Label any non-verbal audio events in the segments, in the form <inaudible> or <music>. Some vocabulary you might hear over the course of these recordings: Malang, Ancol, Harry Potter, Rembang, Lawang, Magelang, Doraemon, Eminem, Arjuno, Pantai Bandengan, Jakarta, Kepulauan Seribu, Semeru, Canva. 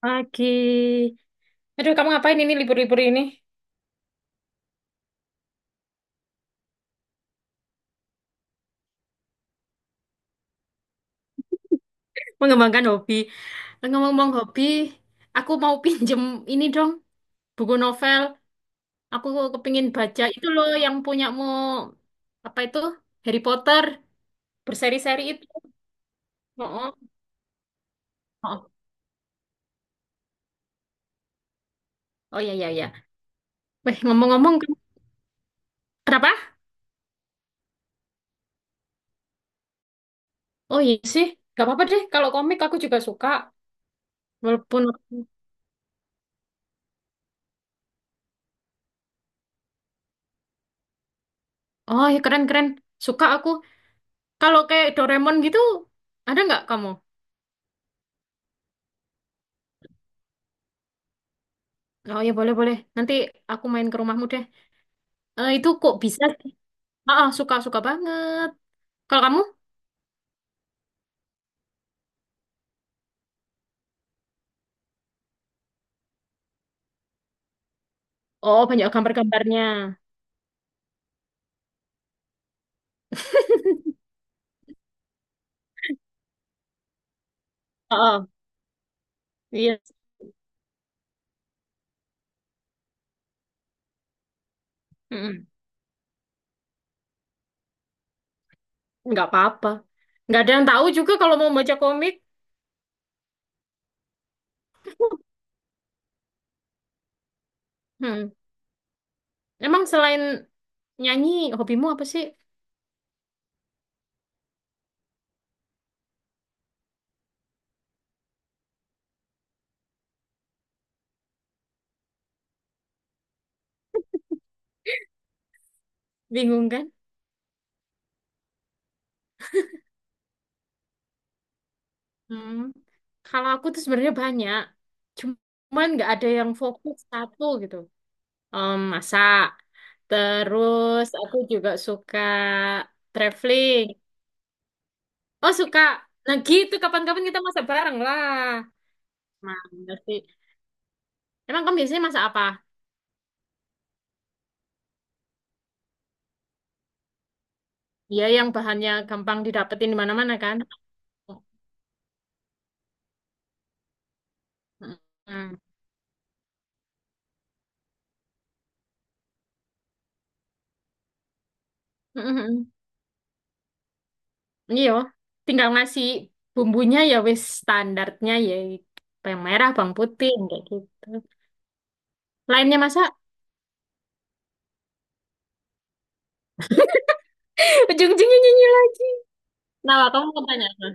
Pagi. Aduh, kamu ngapain ini libur-libur ini? Mengembangkan hobi. Ngomong-ngomong hobi, aku mau pinjem ini dong, buku novel. Aku kepingin baca itu loh yang punyamu apa itu Harry Potter berseri-seri itu. Oh, oh, oh ya ya ya. Weh, ngomong-ngomong, kenapa? Oh iya sih, gak apa-apa deh. Kalau komik aku juga suka, walaupun oh ya keren-keren, suka aku. Kalau kayak Doraemon gitu, ada nggak kamu? Oh ya boleh boleh. Nanti aku main ke rumahmu deh. Eh, itu kok bisa sih? Ah, ah, suka suka banget. Kalau kamu? Oh banyak gambar-gambarnya. Ah, ah, iya. Mm-mm. Nggak apa-apa. Nggak ada yang tahu juga kalau mau baca komik. Hmm. Emang selain nyanyi, hobimu apa sih? Bingung kan? Hmm. Kalau aku tuh sebenarnya banyak. Cuman nggak ada yang fokus satu gitu. Masak. Terus aku juga suka traveling. Oh suka. Nah gitu kapan-kapan kita masak bareng lah. Mantap sih. Emang kamu biasanya masak apa? Iya yang bahannya gampang didapetin di mana-mana kan? Mm. Mm-mm. Iya. Tinggal ngasih bumbunya ya wis standarnya ya bawang merah, bawang putih kayak gitu. Lainnya masak <laughs> ujung-ujungnya nyanyi lagi. Nah, Wak, kamu mau tanya apa?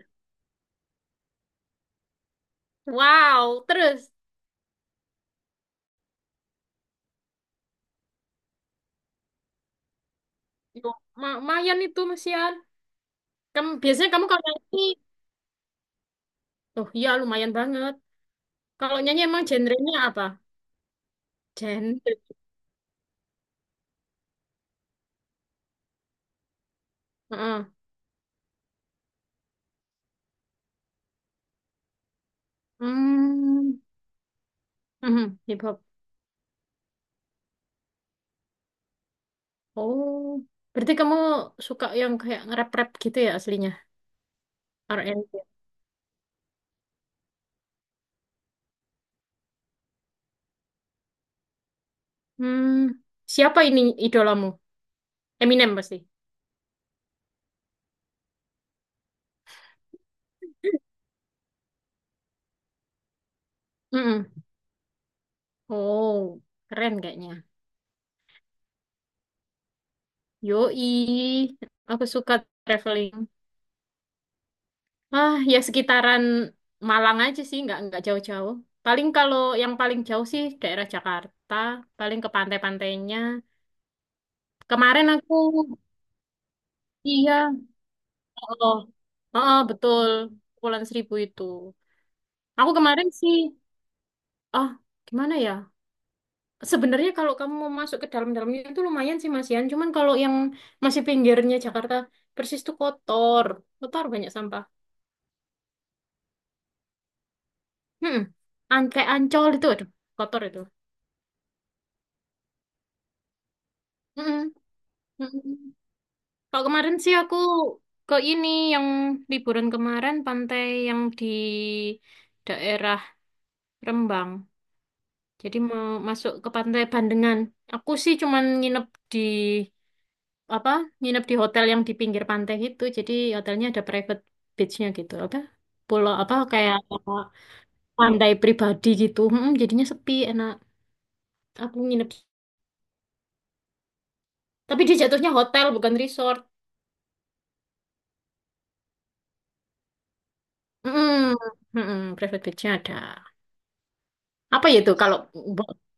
Wow, terus Yuk, lumayan itu Mesian. Kamu biasanya kamu kalau nyanyi, oh iya lumayan banget. Kalau nyanyi emang genrenya apa? Gender. Heeh. Hmm. Mhm, hip hop. Oh, berarti kamu suka yang kayak nge-rap-rap gitu ya aslinya? R&B. Hmm. Siapa ini idolamu? Eminem pasti. Mm-mm. Oh, keren kayaknya. Yoi, aku suka traveling. Ah, ya sekitaran Malang aja sih, nggak jauh-jauh. Paling kalau yang paling jauh sih daerah Jakarta, paling ke pantai-pantainya. Kemarin aku, iya, oh, heeh, betul. Kepulauan Seribu itu. Aku kemarin sih, ah, gimana ya? Sebenarnya kalau kamu mau masuk ke dalam-dalamnya itu lumayan sih Mas Yan. Cuman kalau yang masih pinggirnya Jakarta Persis tuh kotor. Kotor banyak sampah. Hmm. Kayak Ancol itu, aduh, kotor itu. Mm-mm. Mm-mm. Kalau kemarin sih aku ke ini yang liburan kemarin pantai yang di daerah Rembang. Jadi mau masuk ke Pantai Bandengan. Aku sih cuman nginep di apa? Nginep di hotel yang di pinggir pantai gitu. Jadi hotelnya ada private beach-nya gitu. Apa? Pulau apa kayak pantai pribadi gitu. Mm, jadinya sepi, enak. Aku nginep. Tapi dia jatuhnya hotel bukan resort. Mm, mm, private beach-nya ada. Apa ya itu kalau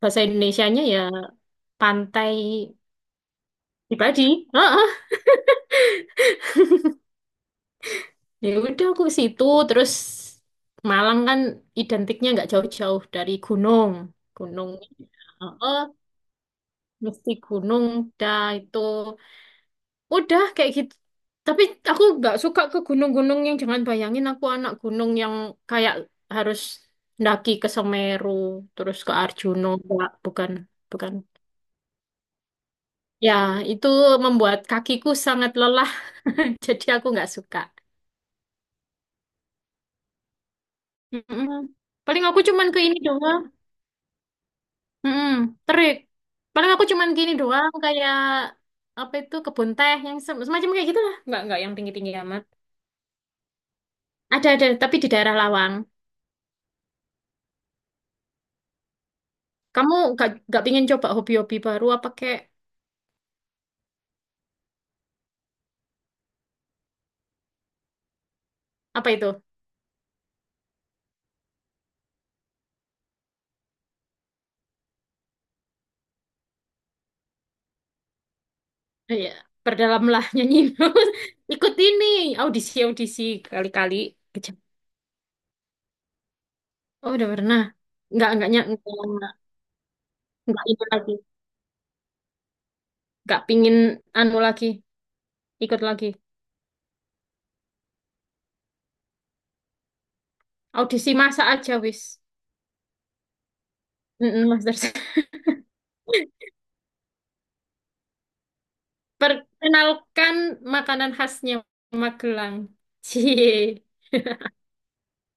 bahasa Indonesianya ya pantai pribadi. <laughs> Ya udah aku ke situ terus Malang kan identiknya nggak jauh-jauh dari gunung. Gunung. Oh mesti gunung dah itu. Udah kayak gitu. Tapi aku nggak suka ke gunung-gunung yang jangan bayangin aku anak gunung yang kayak harus ndaki ke Semeru terus ke Arjuno. Nggak, bukan, bukan. Ya, itu membuat kakiku sangat lelah. <laughs> Jadi aku nggak suka. Mm-mm. Paling aku cuman ke ini doang. Mm-mm, terik. Paling aku cuman gini doang kayak apa itu kebun teh yang semacam kayak gitu lah. Nggak yang tinggi tinggi amat. Ada tapi di daerah Lawang. Kamu nggak pingin coba hobi-hobi baru apa kayak apa itu? Eh, ya, berdalamlah nyanyi. <laughs> Ikut ini audisi audisi kali-kali. Kejam. Oh udah pernah. Nggak nggak nggak ini lagi. Nggak pingin anu lagi. Ikut lagi. Audisi masa aja wis. Mm-mm, Master. Perkenalkan makanan khasnya Magelang. Cie,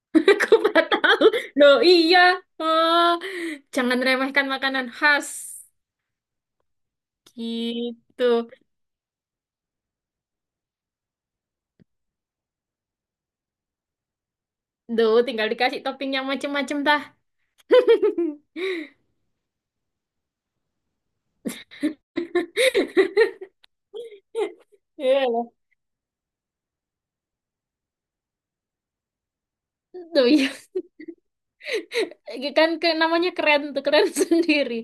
<laughs> aku nggak tahu. Loh iya, oh, jangan remehkan makanan khas. Gitu. Duh, tinggal dikasih topping yang macem-macem tah. <laughs> Iya loh. Duh iya, kan ke, namanya keren tuh, keren <laughs> sendiri.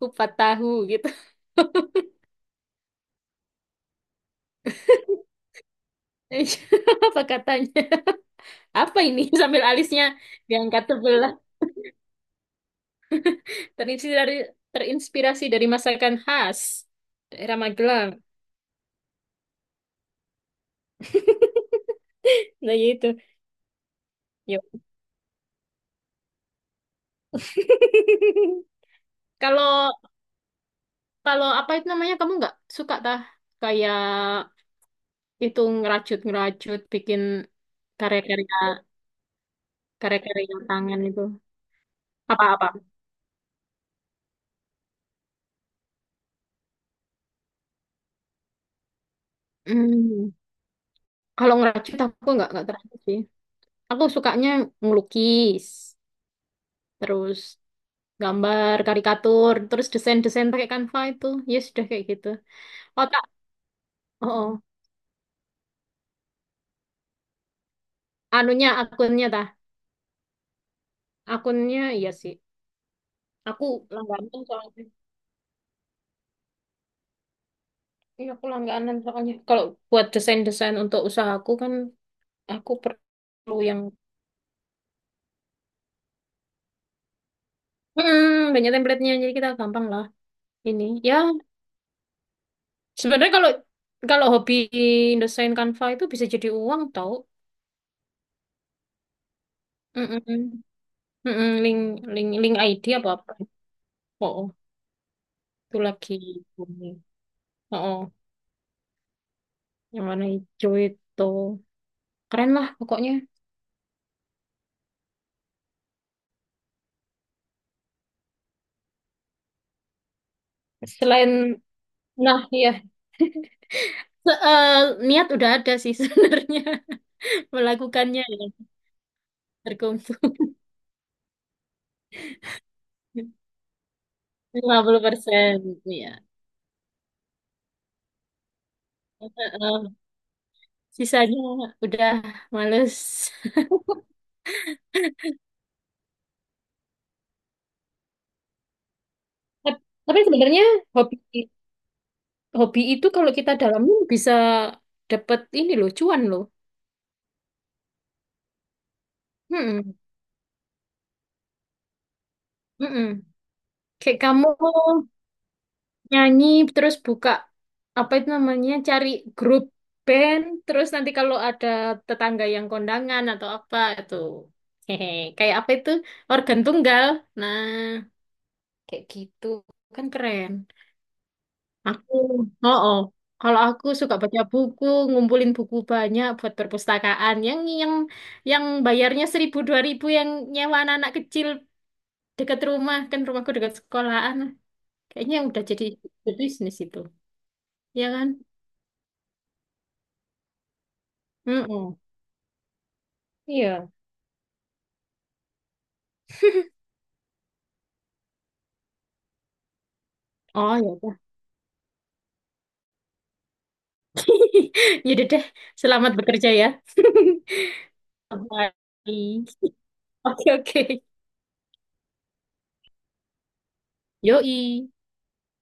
Kupat tahu gitu. <laughs> Apa katanya? Apa ini <laughs> sambil alisnya diangkat sebelah? Terinspirasi dari terinspirasi dari masakan khas daerah Magelang. <laughs> Nah, ya itu. Yuk. <laughs> Kalau kalau apa itu namanya kamu nggak suka tah kayak itu ngerajut-ngerajut bikin karya-karya karya-karya tangan itu. Apa-apa? Hmm, kalau ngerajut aku nggak terlalu sih. Aku sukanya ngelukis, terus gambar karikatur, terus desain-desain pakai Canva itu. Ya sudah kayak gitu. Otak. Oh, oh. Anunya akunnya tah. Akunnya iya sih. Aku langganan soalnya. Iya, aku langganan soalnya. Kalau buat desain-desain untuk usahaku kan aku perlu yang hmm, banyak template-nya jadi kita gampang lah ini. Ya, sebenarnya kalau kalau hobi desain Canva itu bisa jadi uang tau. Mm-mm. Mm-mm, Link link link ID apa apa. Oh, oh. Itu lagi. Ini. Oh, oh. Yang warna hijau itu. Keren lah pokoknya. Selain Nah, iya. Eh, niat udah ada sih sebenarnya <laughs> melakukannya ya terkumpul 50% ya. Eh, eh, sisanya udah males. Tapi sebenarnya hobi hobi itu kalau kita dalamin bisa dapet ini loh, cuan loh. Mm-mm, mm-mm. Kayak kamu nyanyi terus buka apa itu namanya cari grup band terus nanti kalau ada tetangga yang kondangan atau apa itu hehe kayak apa itu organ tunggal nah kayak gitu kan keren aku oh oh kalau aku suka baca buku ngumpulin buku banyak buat perpustakaan yang yang bayarnya 1.000 2.000 yang nyewa anak-anak kecil dekat rumah kan rumahku dekat sekolahan kayaknya udah jadi bisnis itu ya kan. Mm-mm. Iya. Oh ya, udah. <laughs> Yaudah deh. Selamat bekerja ya. <laughs> Bye. Oke oke. Yoi.